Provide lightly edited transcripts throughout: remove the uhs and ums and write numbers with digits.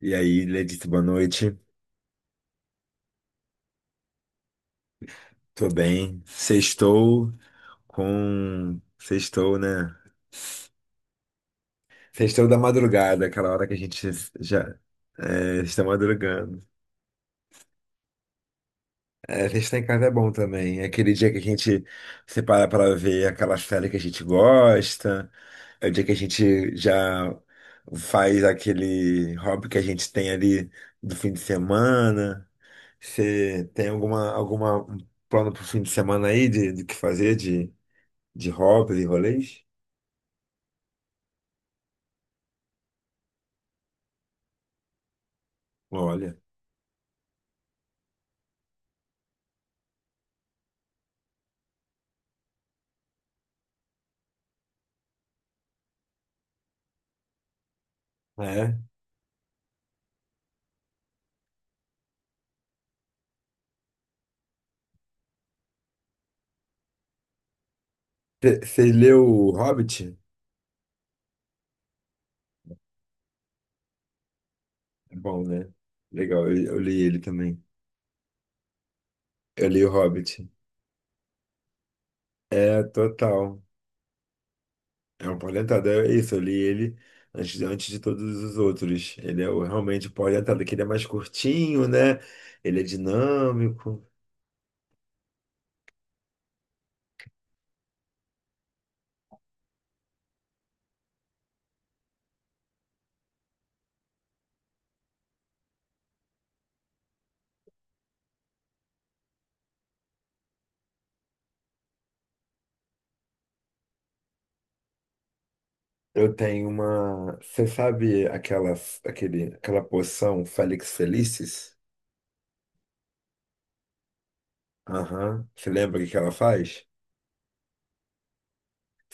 E aí, Letícia, boa noite. Tô bem. Sextou com. Sextou, né? Sextou da madrugada, aquela hora que a gente já é, está madrugando. É, sextar em casa é bom também. É aquele dia que a gente separa para ver aquela série que a gente gosta. É o dia que a gente já faz aquele hobby que a gente tem ali do fim de semana. Você tem alguma um plano pro fim de semana aí de que fazer, de hobbies e rolês? Olha, é. Você leu o Hobbit? É bom, né? Legal, eu li ele também. Eu li o Hobbit. É, total. É um polentado, é isso. Eu li ele antes de todos os outros. Ele é o- realmente o polentado, que ele é mais curtinho, né? Ele é dinâmico. Eu tenho uma. Você sabe aquela, aquele, aquela poção Felix Felicis? Aham. Você lembra o que que ela faz?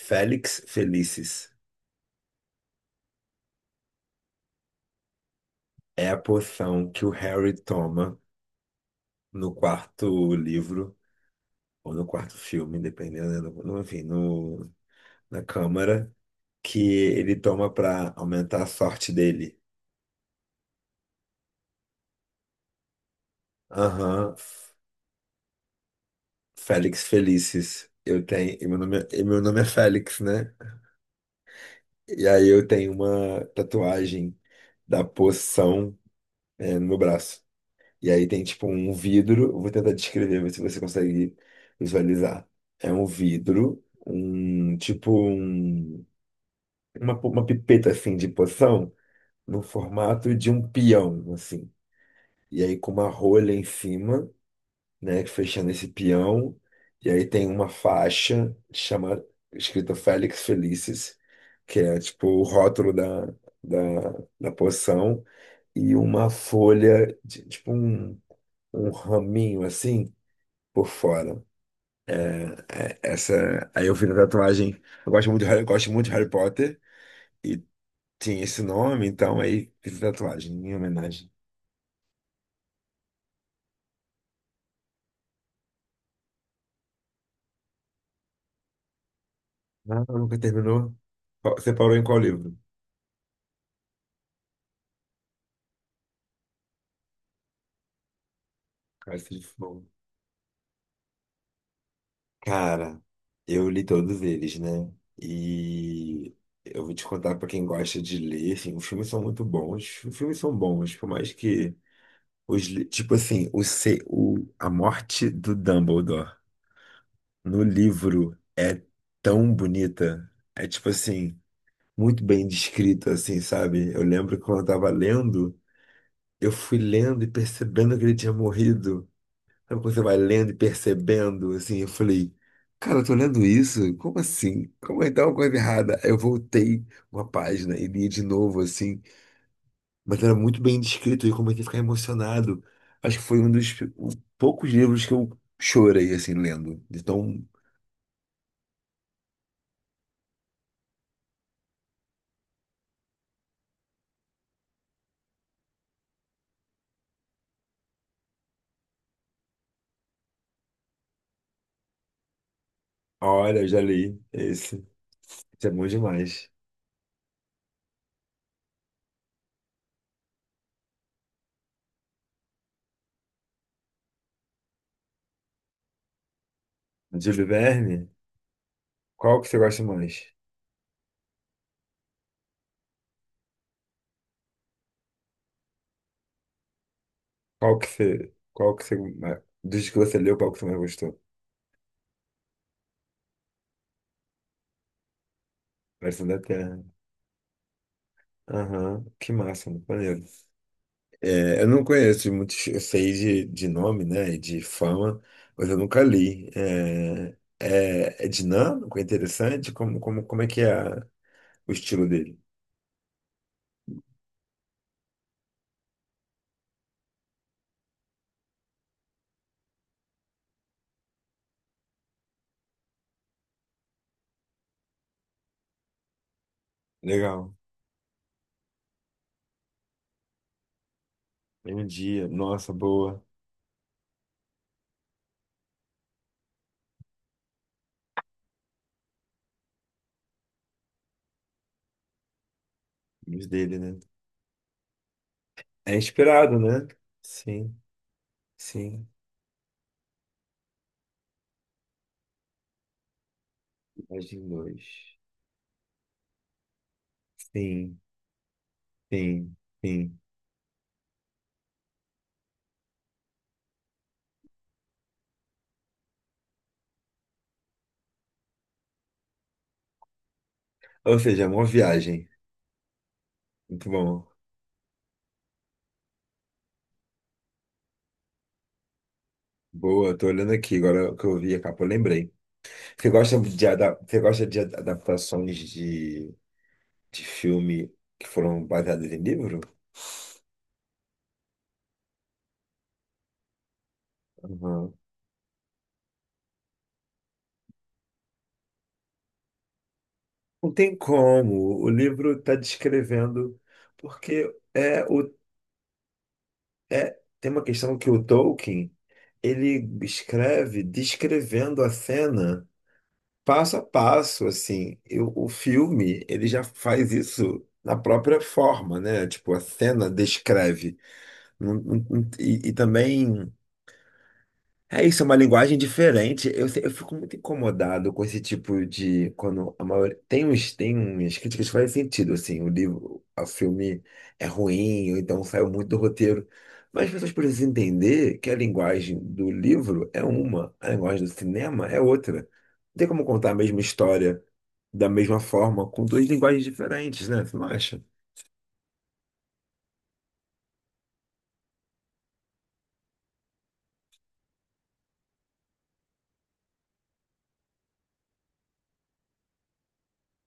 Felix Felicis. É a poção que o Harry toma no quarto livro, ou no quarto filme, dependendo, né, enfim, no, na Câmara, que ele toma para aumentar a sorte dele. Aham, F- Félix Felicis. Eu tenho, e meu nome, é- e meu nome é Félix, né? E aí eu tenho uma tatuagem da poção, é, no meu braço. E aí tem tipo um vidro, eu vou tentar descrever, ver se você consegue visualizar. É um vidro, um tipo um, uma pipeta assim de poção no formato de um peão, assim. E aí com uma rolha em cima, né, fechando esse peão. E aí tem uma faixa chamada escrita Félix Felicis, que é tipo o rótulo da, da, da poção, e uma folha, de- tipo um, um raminho assim por fora. É, essa, aí eu fiz a tatuagem. Eu gosto muito de Harry, gosto muito de Harry Potter e tinha esse nome, então aí fiz a tatuagem em homenagem. Ah, nunca terminou? Qual- Você parou em qual livro? Cálice de Fogo. Cara, eu li todos eles, né? E eu vou te contar pra quem gosta de ler, assim, os filmes são muito bons. Os filmes são bons, por mais que os, li- tipo assim, o, se- o, a morte do Dumbledore. No livro é tão bonita. É tipo assim, muito bem descrita, assim, sabe? Eu lembro que quando eu tava lendo, eu fui lendo e percebendo que ele tinha morrido. Sabe quando você vai lendo e percebendo, assim, eu falei, cara, eu tô lendo isso? Como assim? Como é que tá uma coisa errada? Aí eu voltei uma página e li de novo, assim, mas era muito bem descrito e eu comecei a ficar emocionado. Acho que foi um dos poucos livros que eu chorei, assim, lendo. Então, olha, eu já li esse. Isso é bom demais. Júlio Verne, qual que você gosta mais? Qual que você, qual que você dos que você leu, qual que você mais gostou? Versão da Terra. Aham, que massa, muito maneiro. É, eu não conheço muitos, eu sei de nome, né, e de fama, mas eu nunca li. É, é, é dinâmico, é interessante, como é que é a- o estilo dele? Legal. Tem um dia, nossa, boa, os dele, né? É inspirado, né? Sim, sim. Imagem 2. Sim, sim, sim. Ou seja, é uma viagem. Muito bom. Boa, tô olhando aqui, agora que eu vi a capa, eu lembrei. Você gosta de, ada- você gosta de ad- adaptações de filme que foram baseadas em livro? Uhum. Não tem como. O livro está descrevendo, porque é o é tem uma questão que o Tolkien ele escreve descrevendo a cena. Passo a passo, assim, eu- o filme, ele já faz isso na própria forma, né? Tipo, a cena descreve. E também. É isso, é uma linguagem diferente. Eu, se- eu fico muito incomodado com esse tipo de. Quando a maioria, tem uns, tem umas críticas que fazem sentido, assim, o livro, o filme é ruim, ou então saiu muito do roteiro. Mas as pessoas precisam entender que a linguagem do livro é uma, a linguagem do cinema é outra. Não tem como contar a mesma história da mesma forma, com duas linguagens diferentes, né? Você não acha?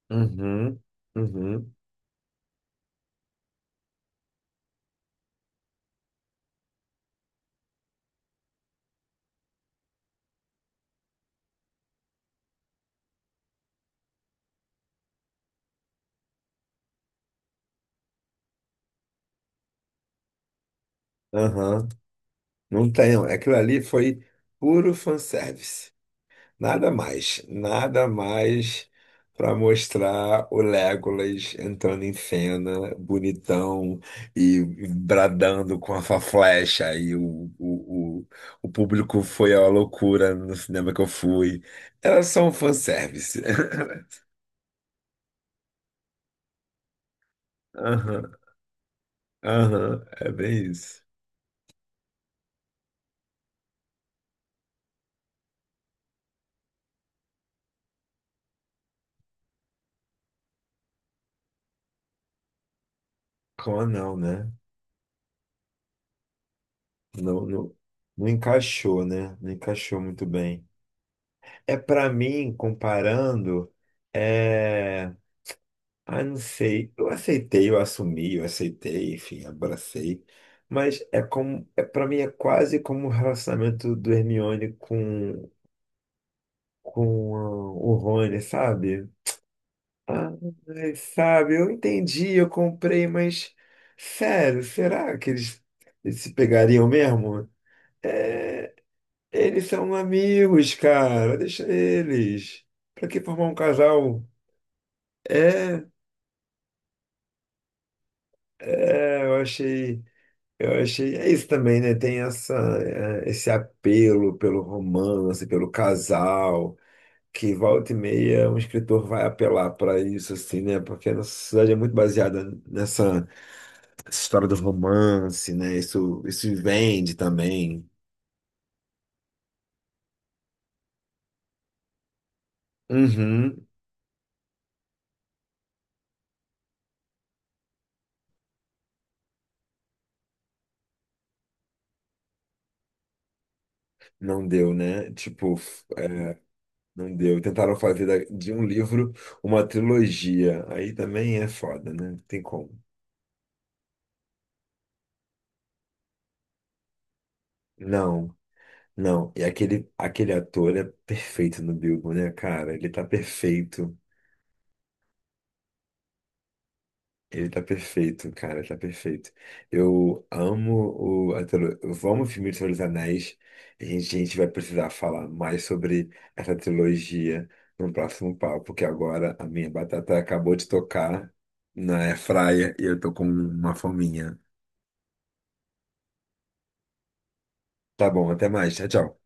Uhum, uhum, aham. Não tem. Aquilo ali foi puro fanservice. Nada mais, nada mais para mostrar o Legolas entrando em cena, bonitão e bradando com a sua flecha. E o público foi à loucura no cinema que eu fui. Era só um fanservice. Aham, aham, é bem isso. Como não, né? Não, não, não encaixou, né? Não encaixou muito bem. É para mim, comparando, é. Ah, não sei. Eu aceitei, eu assumi, eu aceitei, enfim, abracei. Mas é como, é para mim é quase como o relacionamento do Hermione com ah, o Rony, sabe? Ah, sabe, eu entendi, eu comprei, mas sério, será que eles se pegariam mesmo? É, eles são amigos, cara, deixa eles. Pra que formar um casal? É, é, eu achei. Eu achei, é isso também, né? Tem essa, é, esse apelo pelo romance, pelo casal, que volta e meia um escritor vai apelar para isso, assim, né? Porque a nossa sociedade é muito baseada nessa história do romance, né? Isso vende também. Uhum. Não deu, né? Tipo, f- é, não deu. Tentaram fazer da- de um livro uma trilogia. Aí também é foda, né? Não tem como. Não. Não, e aquele, aquele ator é perfeito no Bilbo, né, cara? Ele tá perfeito. Ele tá perfeito, cara, tá perfeito. Eu amo o. A trilo- Eu amo o filme de Senhor dos Anéis. A gente vai precisar falar mais sobre essa trilogia no próximo papo, porque agora a minha batata acabou de tocar na airfryer e eu tô com uma fominha. Tá bom, até mais. Tchau, tchau.